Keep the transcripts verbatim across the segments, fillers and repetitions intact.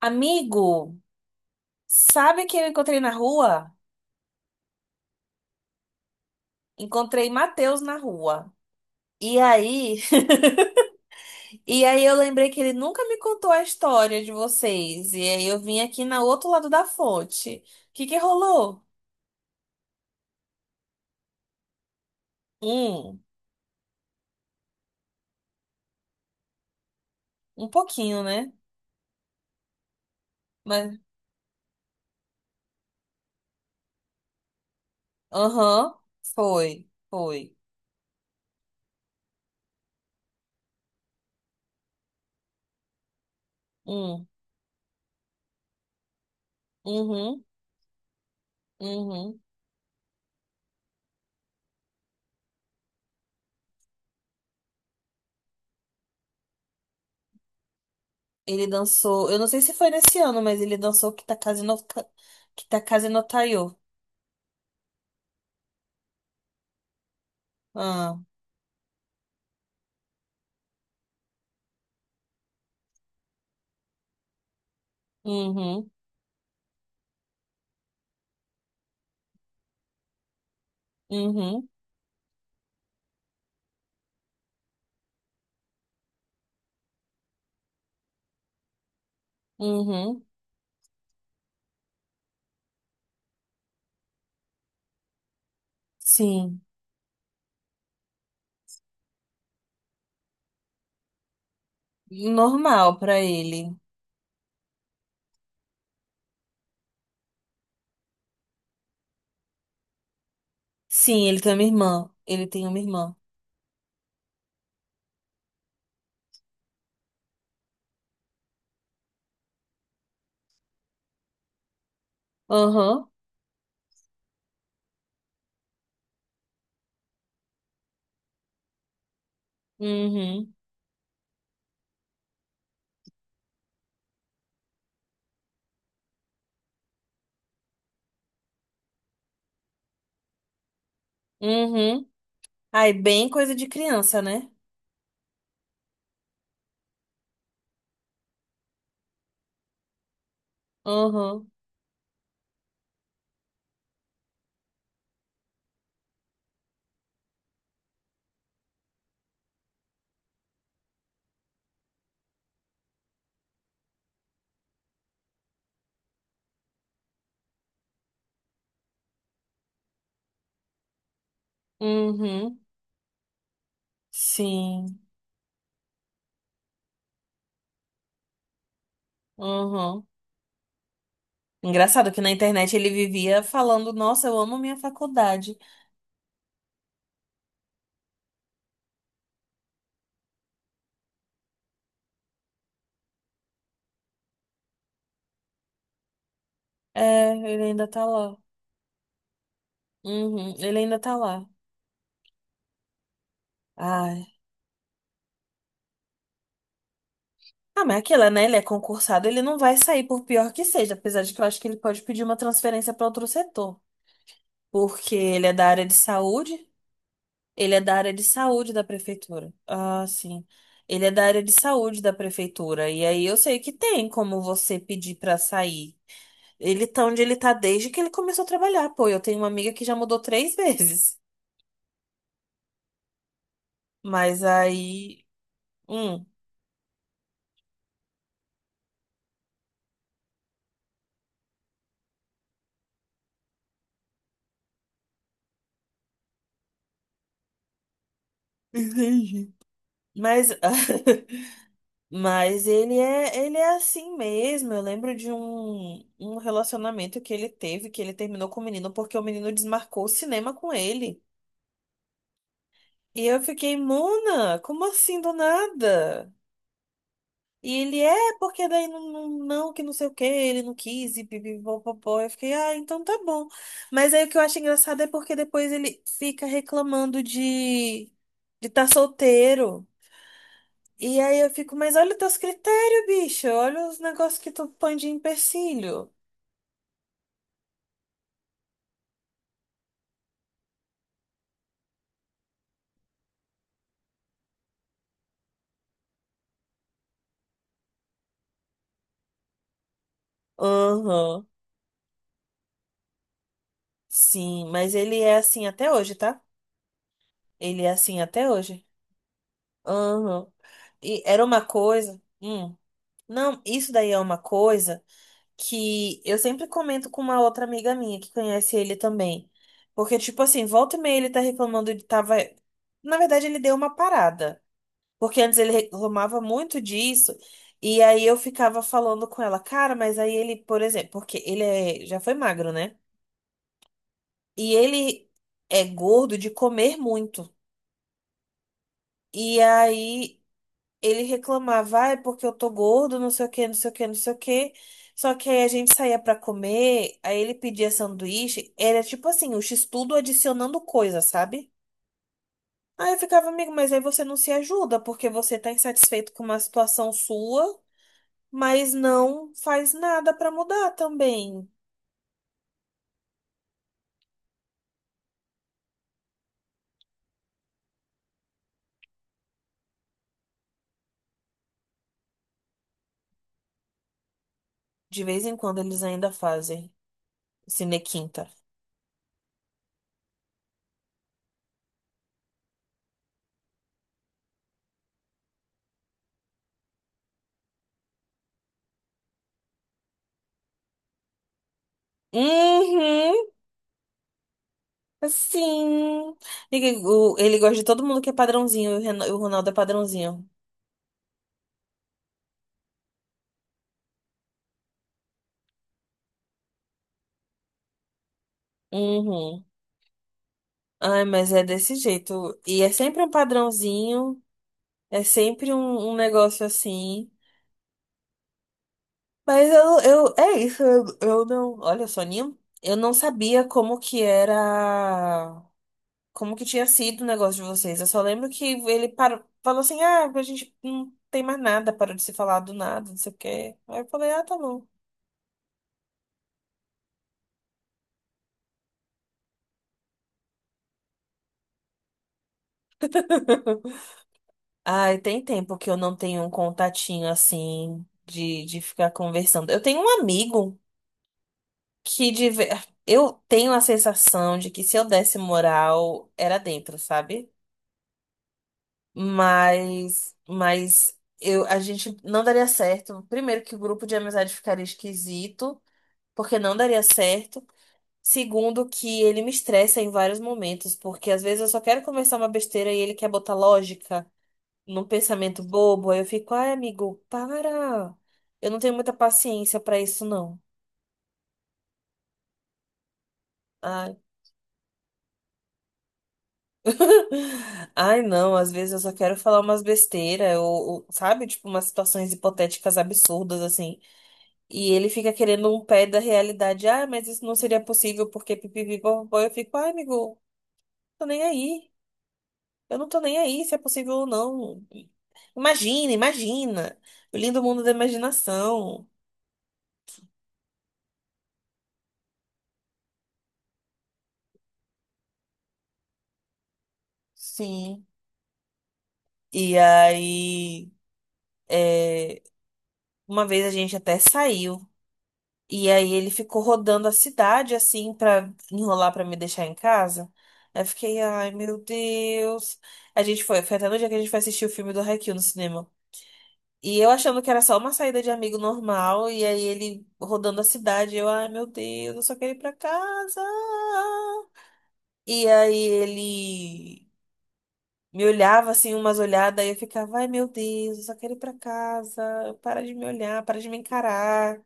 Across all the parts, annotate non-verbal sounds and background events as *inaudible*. Amigo, sabe quem eu encontrei na rua? Encontrei Matheus na rua. E aí, e aí eu lembrei que ele nunca me contou a história de vocês. E aí eu vim aqui na outro lado da fonte. O que que rolou? Hum, um pouquinho, né? Mas, aham, foi, foi. Hum, uhum, uhum. Ele dançou, eu não sei se foi nesse ano, mas ele dançou Kitakaze no, Ka- Kitakaze no Taiyo. Ah, uhum, uhum, uhum. Sim, normal pra ele. Sim, ele tem uma irmã. Ele tem uma irmã. Aham. Uhum. Uhum. Aí, bem coisa de criança, né? Aham. Uhum. Sim. Aham. Engraçado que na internet ele vivia falando: Nossa, eu amo minha faculdade. É, ele ainda tá lá. Uhum. Ele ainda tá lá. Ai. Ah, mas aquilo, né? Ele é concursado, ele não vai sair por pior que seja, apesar de que eu acho que ele pode pedir uma transferência para outro setor, porque ele é da área de saúde. Ele é da área de saúde da prefeitura. Ah, sim. Ele é da área de saúde da prefeitura. E aí eu sei que tem como você pedir pra sair. Ele tá onde ele tá desde que ele começou a trabalhar. Pô, eu tenho uma amiga que já mudou três *laughs* vezes. Mas aí. Hum. Entendi. Mas, *laughs* mas ele é, ele é assim mesmo. Eu lembro de um, um relacionamento que ele teve, que ele terminou com o menino porque o menino desmarcou o cinema com ele. E eu fiquei, Mona, como assim do nada? E ele é, porque daí não, não, não, que não sei o que, ele não quis, e pipipopopó. Eu fiquei, ah, então tá bom. Mas aí o que eu acho engraçado é porque depois ele fica reclamando de de tá solteiro. E aí eu fico, mas olha os teus critérios, bicho, olha os negócios que tu põe de empecilho. Aham, sim, mas ele é assim até hoje, tá? Ele é assim até hoje. Aham. E era uma coisa. Hum. Não, isso daí é uma coisa que eu sempre comento com uma outra amiga minha que conhece ele também. Porque, tipo assim, volta e meia ele tá reclamando de tava. Na verdade, ele deu uma parada. Porque antes ele reclamava muito disso. E aí eu ficava falando com ela, cara, mas aí ele, por exemplo, porque ele é- já foi magro, né? E ele é gordo de comer muito. E aí ele reclamava, ah, é porque eu tô gordo, não sei o que, não sei o que, não sei o que. Só que aí a gente saía pra comer, aí ele pedia sanduíche, era tipo assim, o x-tudo adicionando coisa, sabe? Aí eu ficava, amigo, mas aí você não se ajuda, porque você tá insatisfeito com uma situação sua, mas não faz nada pra mudar também. De vez em quando eles ainda fazem cinequinta. Uhum, sim. Ele, o- ele gosta de todo mundo que é padrãozinho, e o Ren- o Ronaldo é padrãozinho. Uhum. Ai, mas é desse jeito. E é sempre um padrãozinho, é sempre um, um negócio assim. Mas eu, eu, é isso, eu, eu não. Olha, Soninho, eu não sabia como que era. Como que tinha sido o negócio de vocês. Eu só lembro que ele parou, falou assim: ah, a gente não tem mais nada, parou de se falar do nada, não sei o quê. Aí eu falei: ah, tá bom. *laughs* Ai, tem tempo que eu não tenho um contatinho assim de, de ficar conversando. Eu tenho um amigo que de ver- eu tenho a sensação de que se eu desse moral era dentro, sabe? Mas mas eu, a gente não daria certo. Primeiro que o grupo de amizade ficaria esquisito, porque não daria certo. Segundo que ele me estressa em vários momentos, porque às vezes eu só quero conversar uma besteira e ele quer botar lógica num pensamento bobo, aí eu fico, ai, amigo, para. Eu não tenho muita paciência pra isso não. Ai, não, às vezes eu só quero falar umas besteiras, ou, ou, sabe? Tipo, umas situações hipotéticas absurdas, assim. E ele fica querendo um pé da realidade. Ah, mas isso não seria possível porque pipipi, popopó. Eu fico, ai, amigo, tô nem aí. Eu não tô nem aí se é possível ou não. Imagina, imagina. O lindo mundo da imaginação. Sim. E aí, é, uma vez a gente até saiu. E aí ele ficou rodando a cidade assim pra enrolar pra me deixar em casa. Aí eu fiquei, ai meu Deus. A gente foi, foi até no dia que a gente foi assistir o filme do Haikyuu no cinema. E eu achando que era só uma saída de amigo normal, e aí ele rodando a cidade, eu, ai meu Deus, eu só quero ir pra casa. E aí ele me olhava assim, umas olhadas, e eu ficava, ai meu Deus, eu só quero ir pra casa, para de me olhar, para de me encarar.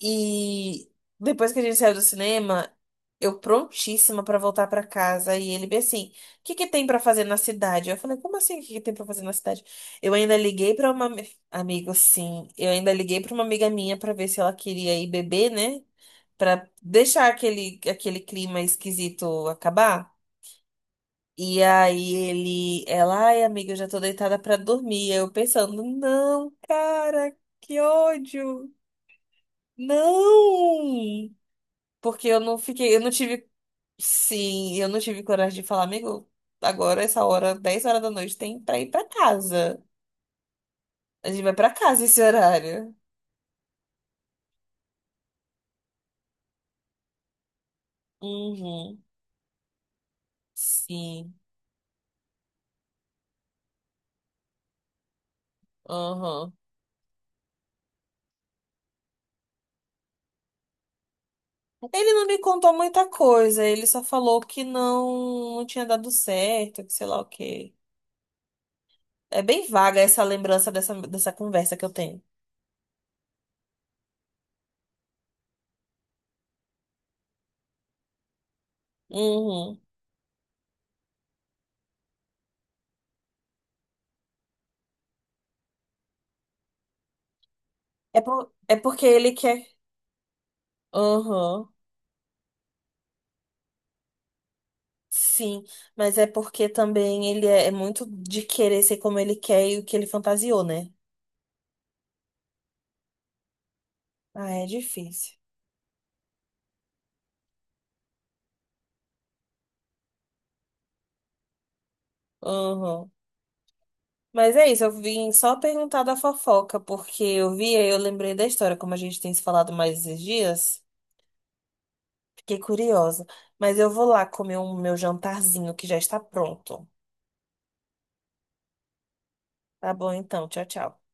E depois que a gente saiu do cinema, eu prontíssima pra voltar pra casa. E ele bem assim: o que que tem pra fazer na cidade? Eu falei: como assim? O que que tem pra fazer na cidade? Eu ainda liguei pra uma ami- amigo, sim. Eu ainda liguei pra uma amiga minha pra ver se ela queria ir beber, né? Pra deixar aquele, aquele clima esquisito acabar. E aí ele, ela, ai amiga, eu já tô deitada pra dormir. Eu pensando, não, cara, que ódio. Não! Porque eu não fiquei, eu não tive, sim, eu, não tive coragem de falar, amigo, agora essa hora, dez horas da noite, tem pra ir pra casa. A gente vai pra casa esse horário. Uhum, sim, aham. Ele não me contou muita coisa, ele só falou que não, não tinha dado certo, que sei lá o quê. É bem vaga essa lembrança dessa, dessa conversa que eu tenho. Uhum. É, por, é porque ele quer. Aham. Sim, mas é porque também ele é, é muito de querer ser como ele quer e o que ele fantasiou, né? Ah, é difícil. Uhum. Mas é isso, eu vim só perguntar da fofoca, porque eu vi e eu lembrei da história, como a gente tem se falado mais esses dias. Fiquei curiosa. Mas eu vou lá comer o meu jantarzinho que já está pronto. Tá bom então, tchau, tchau.